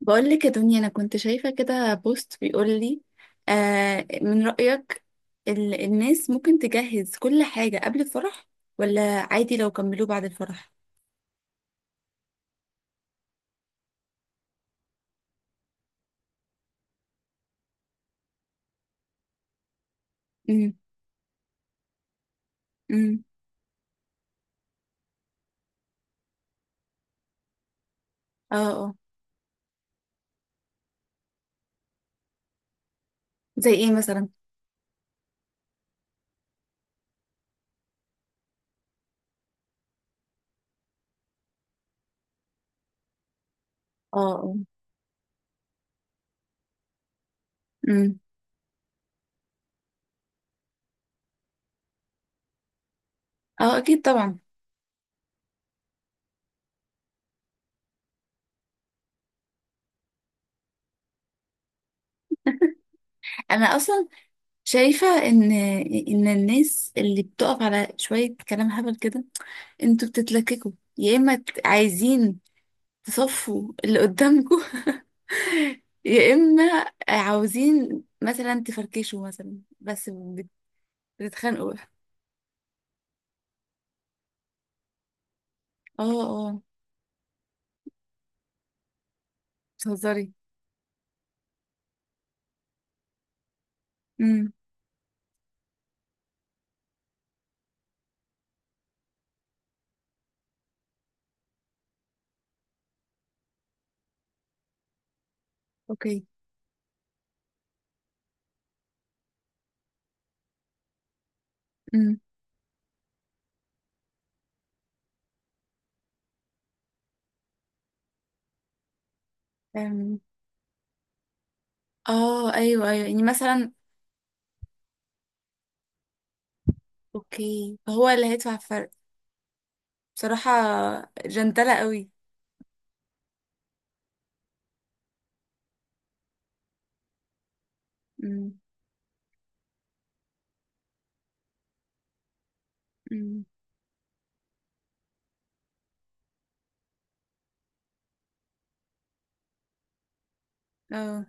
بقول لك يا دنيا، انا كنت شايفه كده بوست بيقول لي آه من رأيك. الناس ممكن تجهز كل حاجه قبل الفرح، ولا عادي لو كملوه بعد الفرح؟ امم. امم. اه، اه. زي ايه مثلا؟ اه، اه. امم. اه، اكيد طبعا. انا اصلا شايفه ان الناس اللي بتقف على شويه كلام هبل كده، انتوا بتتلككوا. يا اما عايزين تصفوا اللي قدامكم يا اما عاوزين مثلا تفركشوا مثلا، بس بتتخانقوا. اه، اه. بتهزري؟ امم. اوكي. امم. أم، اه، ايوه، ايوه، يعني مثلا. اوكي، هو اللي هيدفع الفرق؟ بصراحة جنتلة قوي. امم. امم. اه.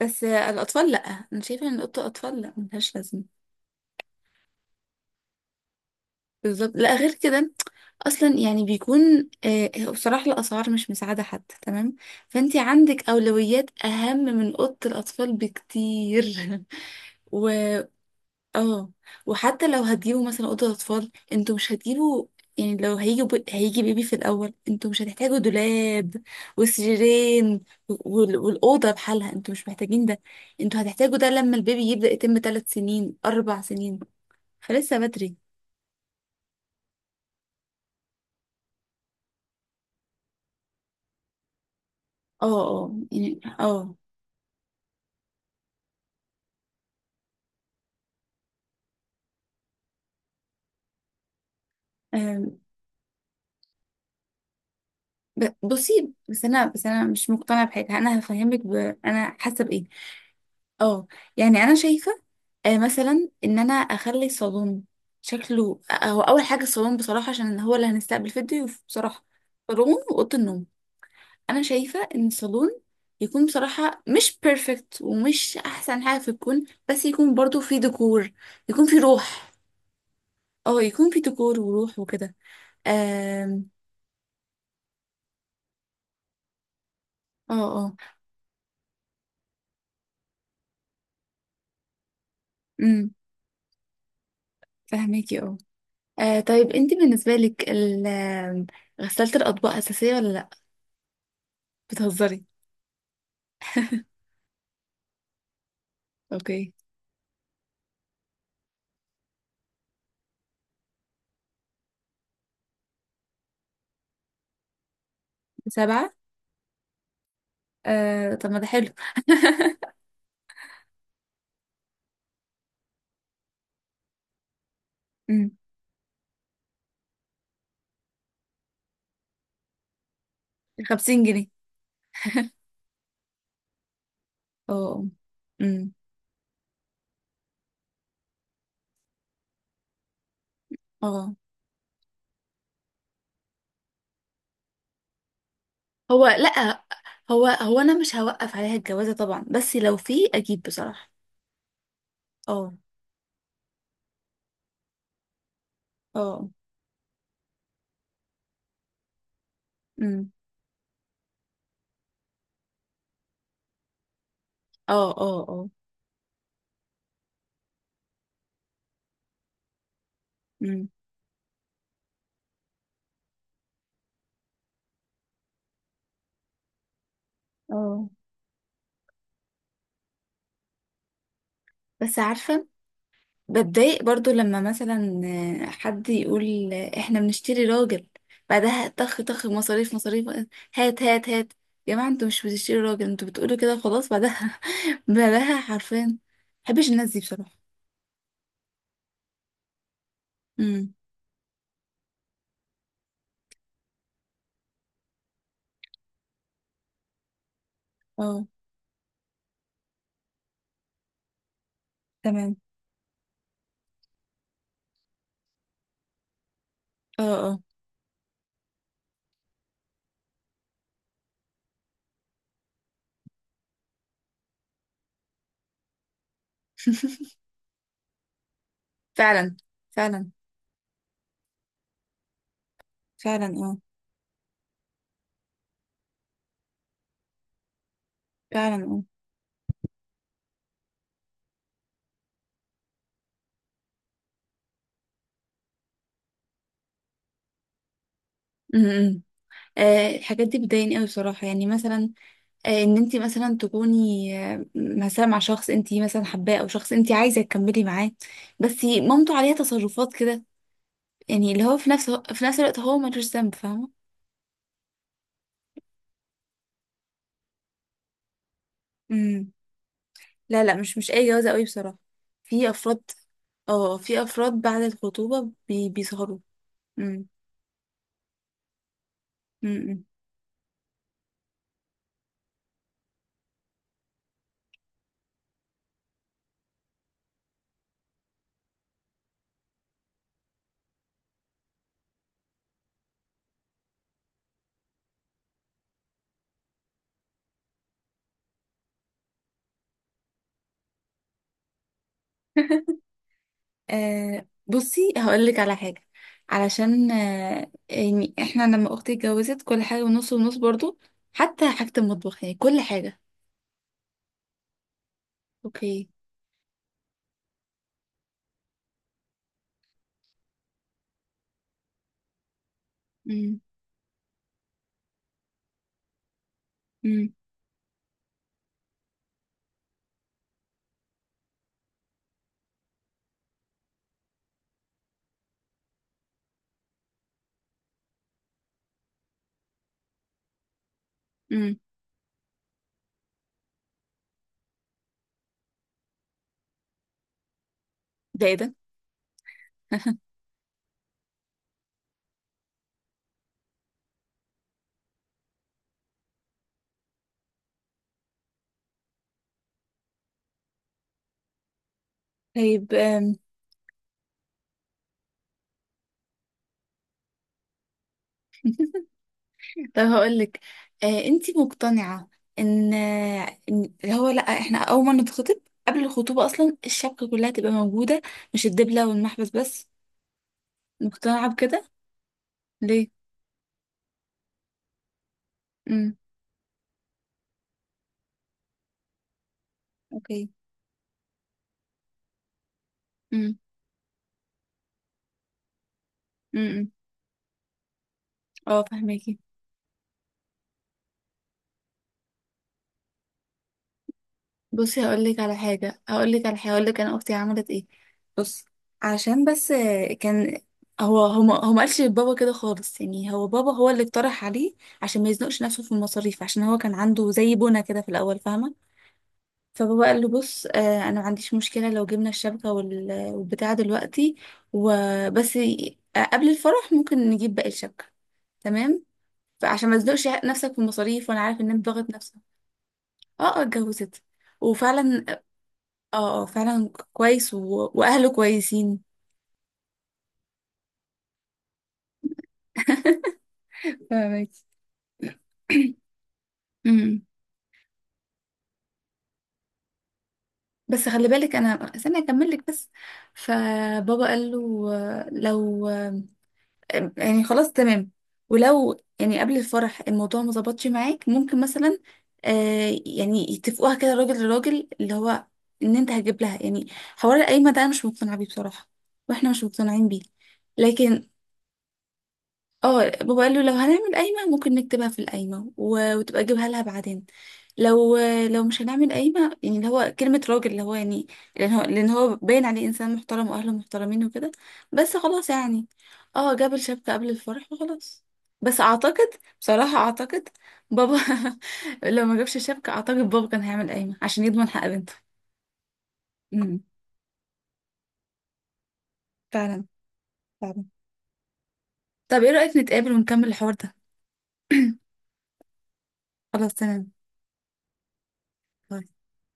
بس الاطفال لا، انا شايفة ان اوضه الاطفال لا، ملهاش لازمة. بالظبط، لا غير كده. اصلا يعني بيكون بصراحة الاسعار مش مساعدة حد، تمام. فانتي عندك اولويات اهم من اوضة الاطفال بكتير. و، اه، وحتى لو هتجيبوا مثلا اوضة اطفال انتوا مش هتجيبوا. يعني لو هيجي بيبي في الاول، انتوا مش هتحتاجوا دولاب وسريرين، والاوضة بحالها انتوا مش محتاجين ده. انتوا هتحتاجوا ده لما البيبي يبدأ يتم 3 سنين، 4 سنين، فلسه بدري. اه، اه، يعني اه. آه. بصي، بس انا مش مقتنعه بحاجه. انا هفهمك. انا حاسه بايه. اه. يعني انا شايفه مثلا ان انا اخلي الصالون شكله. هو اول حاجه الصالون بصراحه، عشان هو اللي هنستقبل فيه الضيوف بصراحه. صالون واوضه النوم. انا شايفه ان الصالون يكون بصراحه مش بيرفكت ومش احسن حاجه في الكون، بس يكون برضو فيه ديكور، يكون فيه روح. اه، يكون فيه ديكور وروح وكده. آم، اه، اه. امم، فهماكي. اه. آه، طيب انت بالنسبة لك ال- آم، غسالة الأطباق أساسية ولا لأ؟ بتهزري؟ اوكي. سبعة؟ آه طب ما ده حلو. أمم، 50 جنيه. اه. أمم، اه، هو لأ، هو أنا مش هوقف عليها الجوازة طبعا، بس لو في أجيب بصراحة. اه، اه. أمم. اه، اه، اه. أمم. اه. بس عارفة، بتضايق برضو لما مثلا حد يقول احنا بنشتري راجل، بعدها طخ طخ، مصاريف مصاريف، هات هات هات. يا جماعة انتوا مش بتشتري راجل، انتوا بتقولوا كده خلاص بعدها بعدها حرفيا. محبش الناس دي بصراحة. امم. اه. تمام. اه، اه. فعلا، فعلا، فعلا. اه، فعلا. اه. امم. الحاجات دي بتضايقني قوي بصراحة، يعني مثلا ان انت مثلا تكوني مثلا مع شخص انت مثلا حباه، او شخص انت عايزه تكملي معاه، بس مامته عليها تصرفات كده. يعني اللي هو في نفس الوقت هو ملوش ذنب، فاهمه. امم. لا، لا، مش اي جوازه قوي بصراحه. في افراد. اه، في افراد بعد الخطوبه بيسهروا. امم. امم. آه، بصي هقول لك على حاجه. علشان يعني احنا لما اختي اتجوزت كل حاجه ونص ونص برضو، حتى حاجه المطبخ يعني كل حاجه. اوكي. امم. امم. ده ايه ده؟ طيب طب هقول لك. انت مقتنعة ان آه، إن اللي هو لا، احنا اول ما نتخطب، قبل الخطوبة اصلا الشبكة كلها تبقى موجودة، مش الدبلة والمحبس بس، مقتنعة بكده؟ ليه؟ امم. اوكي. امم. امم. أمم. اه، فهماكي. بصي هقول لك على حاجه هقول لك انا اختي عملت ايه. بص. عشان بس كان هو ما هو ما قالش لبابا كده خالص، يعني هو بابا هو اللي اقترح عليه، عشان ما يزنقش نفسه في المصاريف، عشان هو كان عنده زي بنا كده في الاول، فاهمه. فبابا قال له بص، انا ما عنديش مشكله لو جبنا الشبكه والبتاع دلوقتي، وبس قبل الفرح ممكن نجيب باقي الشبكه، تمام. فعشان ما تزنقش نفسك في المصاريف، وانا عارف ان انت ضاغط نفسك. اه، اه، اتجوزت. وفعلا. اه، اه، فعلا كويس واهله كويسين. فاهمك. امم. بس خلي بالك، انا استنى اكمل لك بس. فبابا قال له لو يعني خلاص تمام، ولو يعني قبل الفرح الموضوع ما ظبطش معاك، ممكن مثلا يعني يتفقوها كده راجل لراجل، اللي هو ان انت هتجيب لها، يعني حوار القايمه ده انا مش مقتنعه بيه بصراحه، واحنا مش مقتنعين بيه. لكن اه، بابا قال له لو هنعمل قايمة ممكن نكتبها في القايمة وتبقى اجيبها لها بعدين. لو لو مش هنعمل قايمة، يعني اللي هو كلمة راجل، اللي هو يعني لأن هو باين عليه إنسان محترم، وأهله محترمين وكده، بس خلاص يعني. اه، جاب الشبكة قبل الفرح وخلاص. بس أعتقد بصراحة، أعتقد بابا لو ما جابش الشبكة أعتقد بابا كان هيعمل قايمة عشان يضمن حق بنته. امم. فعلا، فعلا. طب ايه رأيك نتقابل ونكمل الحوار ده؟ خلاص تمام.